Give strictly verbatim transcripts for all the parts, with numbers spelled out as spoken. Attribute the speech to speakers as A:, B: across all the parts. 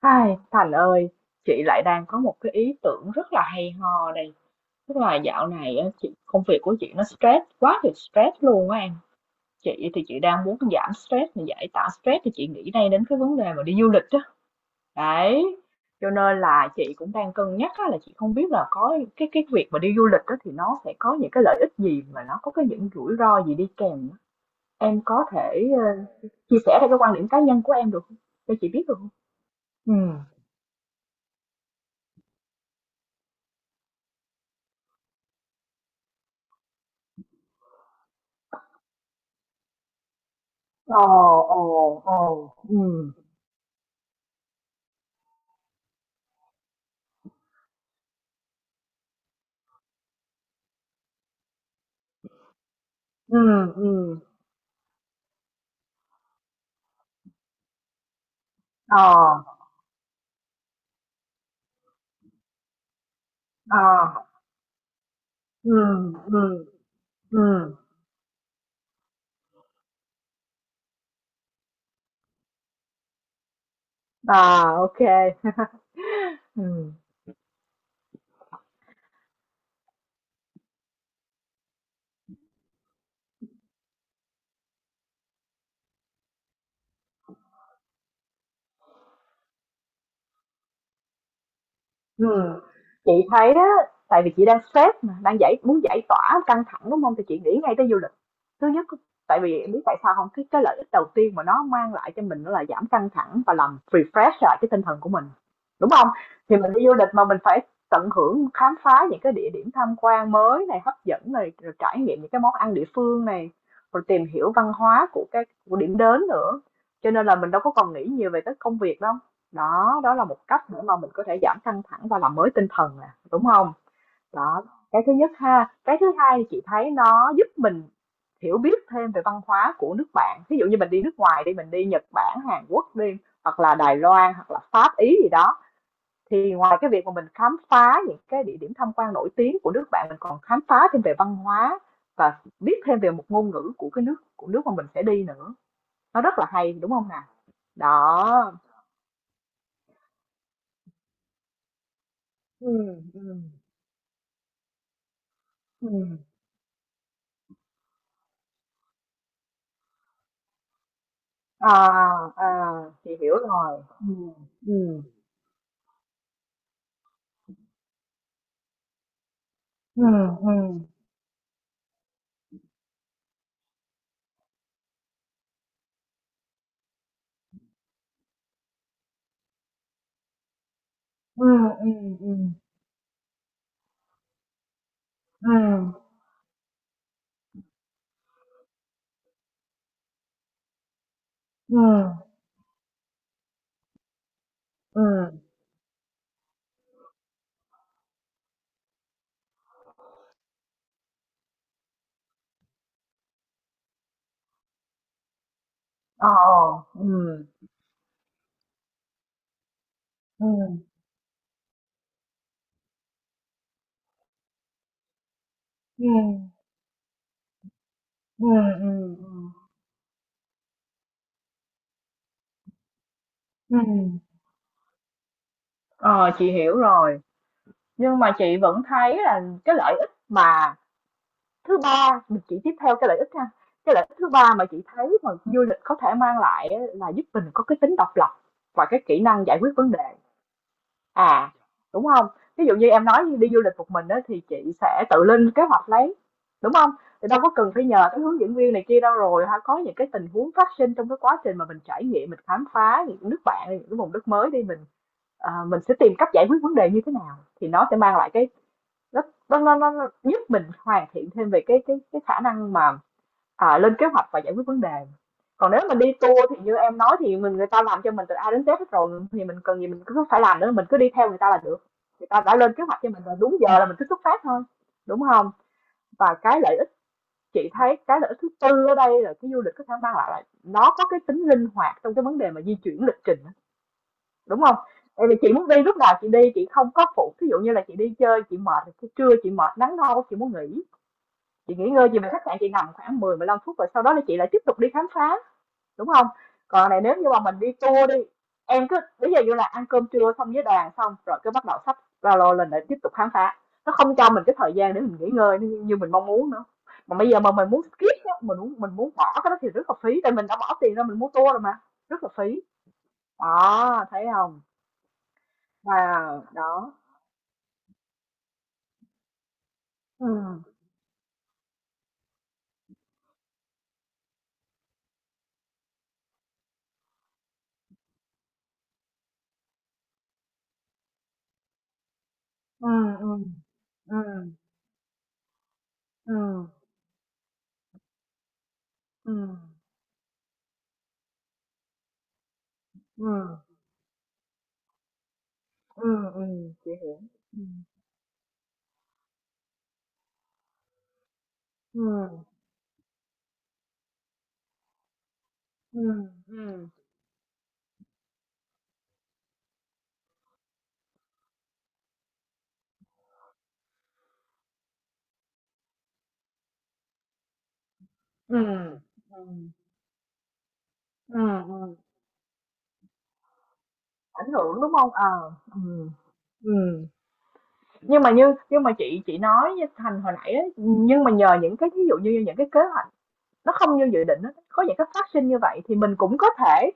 A: Ai, Thành ơi, chị lại đang có một cái ý tưởng rất là hay ho đây. Tức là dạo này á, chị công việc của chị nó stress quá thì stress luôn á em. Chị thì chị đang muốn giảm stress mà giải tỏa stress thì chị nghĩ ngay đến cái vấn đề mà đi du lịch á. Đấy. Cho nên là chị cũng đang cân nhắc á, là chị không biết là có cái cái việc mà đi du lịch á, thì nó sẽ có những cái lợi ích gì mà nó có cái những rủi ro gì đi kèm á. Em có thể ờ, chia sẻ theo cái quan điểm cá nhân của em được không? Cho chị biết được không? Ừ. Ờ, ờ, ờ, ừm, ừm, ừm, ờ, ờ, ừm, ừm, ừm, à, OK. Ừm. Ừm, chị thấy á, tại vì chị đang stress mà, đang giải muốn giải tỏa căng thẳng đúng không? Thì chị nghĩ ngay tới du lịch. Thứ nhất, tại vì em biết tại sao không? Cái cái lợi ích đầu tiên mà nó mang lại cho mình đó là giảm căng thẳng và làm refresh lại cái tinh thần của mình, đúng không? Thì mình đi du lịch mà mình phải tận hưởng khám phá những cái địa điểm tham quan mới này, hấp dẫn này, rồi trải nghiệm những cái món ăn địa phương này, rồi tìm hiểu văn hóa của cái của điểm đến nữa. Cho nên là mình đâu có còn nghĩ nhiều về cái công việc đâu. Đó, đó là một cách để mà mình có thể giảm căng thẳng và làm mới tinh thần nè, đúng không? Đó, cái thứ nhất ha. Cái thứ hai thì chị thấy nó giúp mình hiểu biết thêm về văn hóa của nước bạn. Ví dụ như mình đi nước ngoài đi, mình đi Nhật Bản, Hàn Quốc đi, hoặc là Đài Loan, hoặc là Pháp, Ý gì đó, thì ngoài cái việc mà mình khám phá những cái địa điểm tham quan nổi tiếng của nước bạn, mình còn khám phá thêm về văn hóa và biết thêm về một ngôn ngữ của cái nước của nước mà mình sẽ đi nữa. Nó rất là hay, đúng không nào? Đó. Ừm, ừm, ừm. À, à, chị hiểu rồi. Ừ, ừ, ừ, ừ, ừ, ừ, ừ, ừ, ừ, ừ, ờ, ừ, ừ, ừ, ừ, ừ, ừ, ờ, chị hiểu rồi, nhưng mà chị vẫn thấy là cái lợi ích mà thứ ba, chị tiếp theo cái lợi ích ha. Cái lợi ích thứ ba mà chị thấy mà du lịch có thể mang lại á là giúp mình có cái tính độc lập và cái kỹ năng giải quyết vấn đề. À, đúng không? Ví dụ như em nói như đi du lịch một mình đó thì chị sẽ tự lên kế hoạch lấy, đúng không? Thì đâu có cần phải nhờ tới hướng dẫn viên này kia đâu rồi ha, có những cái tình huống phát sinh trong cái quá trình mà mình trải nghiệm, mình khám phá những nước bạn, những cái vùng đất mới đi, mình, ờ, mình sẽ tìm cách giải quyết vấn đề như thế nào thì nó sẽ mang lại cái nó nó nó nó giúp mình hoàn thiện thêm về cái cái cái khả năng mà à, lên kế hoạch và giải quyết vấn đề. Còn nếu mà đi tour thì như em nói thì mình người ta làm cho mình từ A đến Z hết rồi thì mình cần gì mình cứ phải làm nữa, mình cứ đi theo người ta là được. Người ta đã lên kế hoạch cho mình rồi, đúng giờ là mình cứ xuất phát thôi, đúng không? Và cái lợi ích, chị thấy cái lợi ích thứ tư ở đây là cái du lịch có thể mang lại là nó có cái tính linh hoạt trong cái vấn đề mà di chuyển lịch trình, đúng không? Tại vì chị muốn đi lúc nào chị đi, chị không có phụ, ví dụ như là chị đi chơi chị mệt thì trưa chị mệt nắng nâu chị muốn nghỉ, chị nghỉ ngơi chị về khách sạn chị nằm khoảng mười mười lăm phút rồi sau đó là chị lại tiếp tục đi khám phá, đúng không? Còn này nếu như mà mình đi tour đi, em cứ ví dụ như là ăn cơm trưa xong với đoàn xong rồi cứ bắt đầu sắp ba lô lên để tiếp tục khám phá. Nó không cho mình cái thời gian để mình nghỉ ngơi như như mình mong muốn nữa. Mà bây giờ mà mình muốn skip á, mình muốn mình muốn bỏ cái đó thì rất là phí, tại mình đã bỏ tiền ra mình mua tour rồi mà, rất là phí. Đó, thấy không? Wow, đó. Ừ, ừ, ừ, ừ, ừ, ừ, ừ, ừ, ừ, chị hiểu. Ừm, ừm, ừm, ừm, ừm, ừm. Ừ, ừ. Ảnh hưởng, đúng không? Ờ, ừ. Ừm. Nhưng mà như nhưng mà chị chị nói với Thành hồi nãy ấy, nhưng mà nhờ những cái ví dụ như những cái kế hoạch nó không như dự định á, có những cái phát sinh như vậy thì mình cũng có thể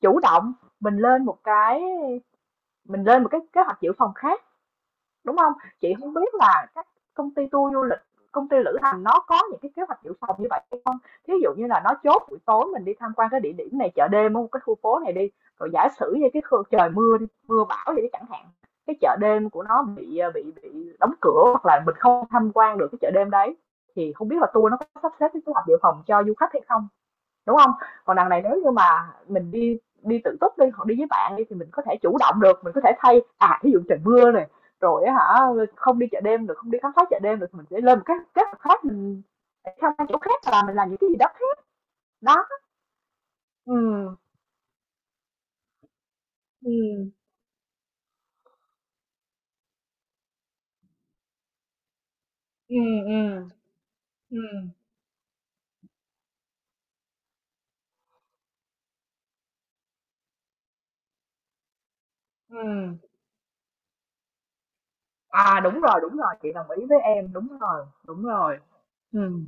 A: chủ động, mình lên một cái mình lên một cái kế hoạch dự phòng khác, đúng không? Chị không biết là các công ty tour du lịch, công ty lữ hành nó có những cái kế hoạch dự phòng như vậy hay không? Thí dụ như là nó chốt buổi tối mình đi tham quan cái địa điểm này, chợ đêm ở cái khu phố này đi, rồi giả sử như cái trời mưa đi, mưa bão gì chẳng hạn, cái chợ đêm của nó bị, à, bị bị đóng cửa hoặc là mình không tham quan được cái chợ đêm đấy, thì không biết là tour nó có sắp xếp cái kế hoạch dự phòng cho du khách hay không, đúng không? Còn đằng này nếu như mà mình đi đi tự túc đi, hoặc đi với bạn đi thì mình có thể chủ động được, mình có thể thay à, thí dụ trời mưa này, rồi hả, không đi chợ đêm được, không đi khám phá chợ đêm được thì mình sẽ lên một cái kế hoạch khác, mình sẽ sang chỗ khác là mình làm những cái gì đó khác. Đó, ừm, ừm, ừm, ừm, ừm, ừm. À, đúng rồi, đúng rồi, chị đồng ý với em, đúng rồi, đúng rồi, ừm.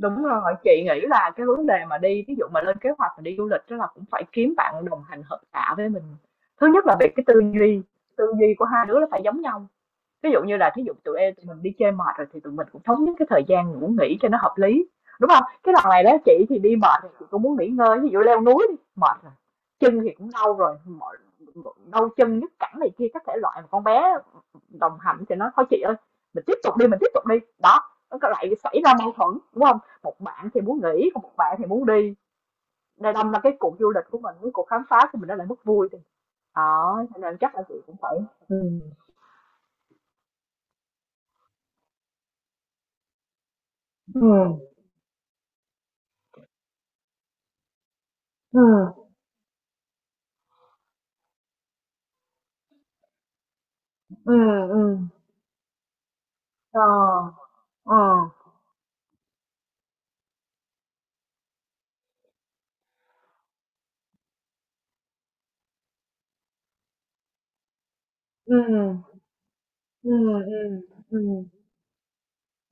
A: Đúng rồi, chị nghĩ là cái vấn đề mà đi ví dụ mà lên kế hoạch mà đi du lịch đó là cũng phải kiếm bạn đồng hành hợp tạ với mình. Thứ nhất là về cái tư duy, tư duy của hai đứa là phải giống nhau. Ví dụ như là thí dụ tụi em tụi mình đi chơi mệt rồi thì tụi mình cũng thống nhất cái thời gian ngủ nghỉ cho nó hợp lý, đúng không? Cái đằng này đó chị thì đi mệt thì chị cũng muốn nghỉ ngơi, ví dụ leo núi đi, mệt rồi, chân thì cũng đau rồi, mỏi đau chân, nhức cẳng này kia các thể loại, mà con bé đồng hành thì nó "Thôi chị ơi, mình tiếp tục đi, mình tiếp tục đi." Đó, nó có lại xảy ra mâu thuẫn, đúng không? Một bạn thì muốn nghỉ, còn một bạn thì muốn đi, nên đâm ra cái cuộc du lịch của mình, cái cuộc khám phá của mình nó lại mất vui thì, đó, cho nên chắc là chị cũng phải ừm, ừm, ừm. Ừ, ừ, ờ, ờ, ừ, ừ, ừ, ừ,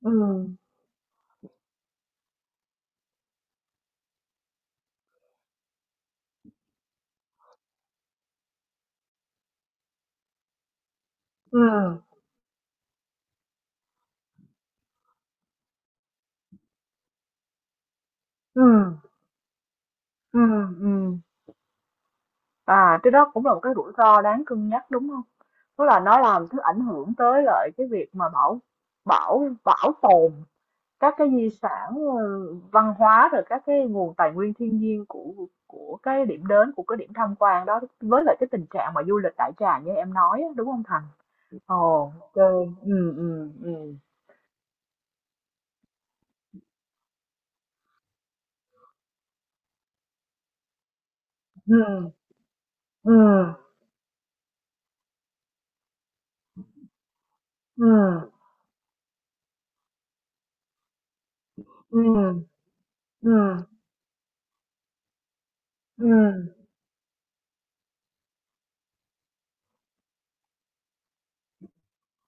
A: ừ, ừ, ừ, ừ, ừ, ừ. À, cái đó cũng là một cái rủi ro đáng cân nhắc, đúng hông? Tức là nó làm thứ ảnh hưởng tới lại cái việc mà bảo bảo bảo tồn các cái di sản, ừ, văn hóa, rồi các cái nguồn tài nguyên thiên nhiên của của cái điểm đến, của cái điểm tham quan đó, với lại cái tình trạng mà du lịch đại trà như em nói á, đúng hông Thành? Ồ, ô kê, ừm, ừm, ừm, ừm, ừm, ừm, ừm, ừm,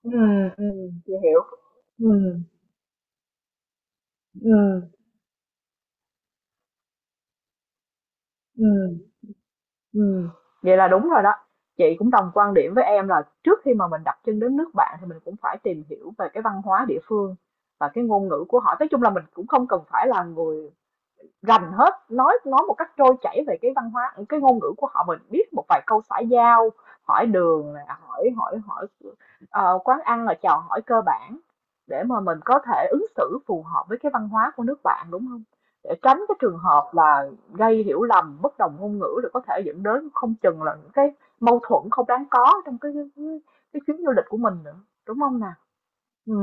A: ừm, ừm, chị hiểu. Ừm, ừm, ừm, ừm. Vậy là đúng rồi đó. Chị cũng đồng quan điểm với em là trước khi mà mình đặt chân đến nước bạn thì mình cũng phải tìm hiểu về cái văn hóa địa phương và cái ngôn ngữ của họ. Nói chung là mình cũng không cần phải là người rành hết, nói nói một cách trôi chảy về cái văn hóa, cái ngôn ngữ của họ. Mình biết một vài câu xã giao, hỏi đường nè, hỏi hỏi hỏi ờ, quán ăn là chào hỏi cơ bản để mà mình có thể ứng xử phù hợp với cái văn hóa của nước bạn, đúng không, để tránh cái trường hợp là gây hiểu lầm bất đồng ngôn ngữ rồi có thể dẫn đến không chừng là những cái mâu thuẫn không đáng có trong cái cái, cái chuyến du lịch của mình nữa, đúng không nè? Ừ,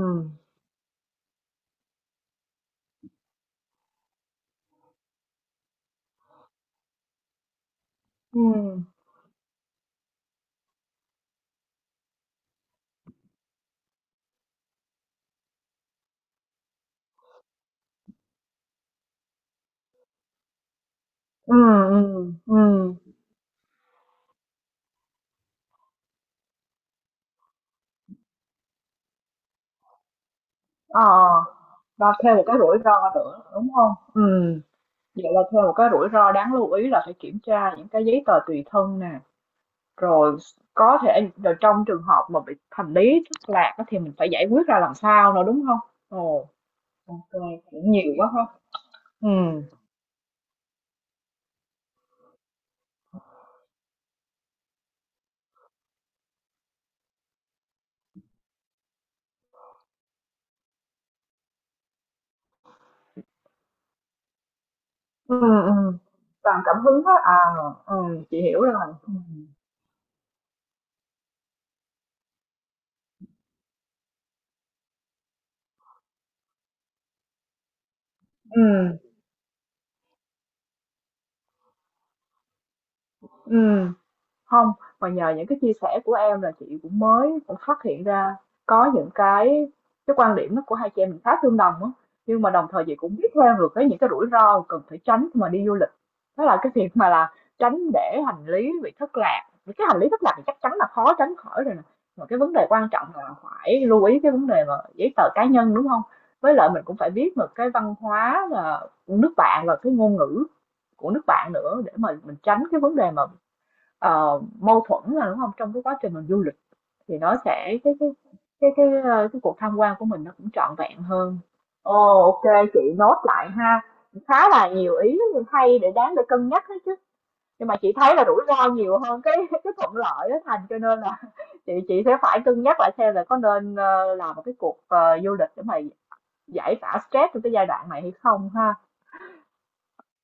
A: ừ, ừ, ừ, ừ, ờ, và thêm một cái rủi ro nữa, đúng không? Ừ, vậy là thêm một cái rủi ro đáng lưu ý là phải kiểm tra những cái giấy tờ tùy thân nè, rồi có thể rồi trong trường hợp mà bị hành lý thất lạc á thì mình phải giải quyết ra làm sao nữa, đúng không? Ồ, ok, cũng nhiều quá ha. Ừ, ừ, ừ, làm cảm hứng hết à. Ừ, chị hiểu rồi. Ừ, ừ, không, mà nhờ những cái chia sẻ của em là chị cũng mới cũng phát hiện ra có những cái cái quan điểm nó của hai chị em mình khá tương đồng á, nhưng mà đồng thời chị cũng biết thêm được cái những cái rủi ro cần phải tránh khi mà đi du lịch. Đó là cái việc mà là tránh để hành lý bị thất lạc, những cái hành lý thất lạc thì chắc chắn là khó tránh khỏi rồi nè, mà cái vấn đề quan trọng là phải lưu ý cái vấn đề mà giấy tờ cá nhân, đúng không? Với lại mình cũng phải biết được cái văn hóa là nước bạn và cái ngôn ngữ của nước bạn nữa để mà mình tránh cái vấn đề mà ờ, mâu thuẫn là đúng không trong cái quá trình mình du lịch thì nó sẽ cái cái cái cái ờ, cái cuộc tham quan của mình nó cũng trọn vẹn hơn. Ồ, ok, chị nốt lại ha, khá là nhiều ý hay để đáng để cân nhắc đấy chứ, nhưng mà chị thấy là rủi ro nhiều hơn cái cái thuận lợi đó Thành, cho nên là chị chị sẽ phải cân nhắc lại xem là có nên ờ, làm một cái cuộc ờ, du lịch để mà giải tỏa stress trong cái giai đoạn này hay không ha.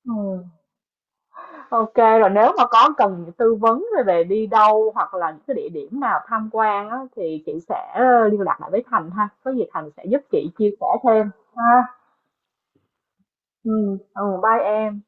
A: Ừ. Ok, rồi nếu mà có cần tư vấn về đi đâu hoặc là những cái địa điểm nào tham quan á, thì chị sẽ ờ, liên lạc lại với Thành ha. Có gì Thành sẽ giúp chị chia sẻ thêm ha. Ừ, ừ, bye em.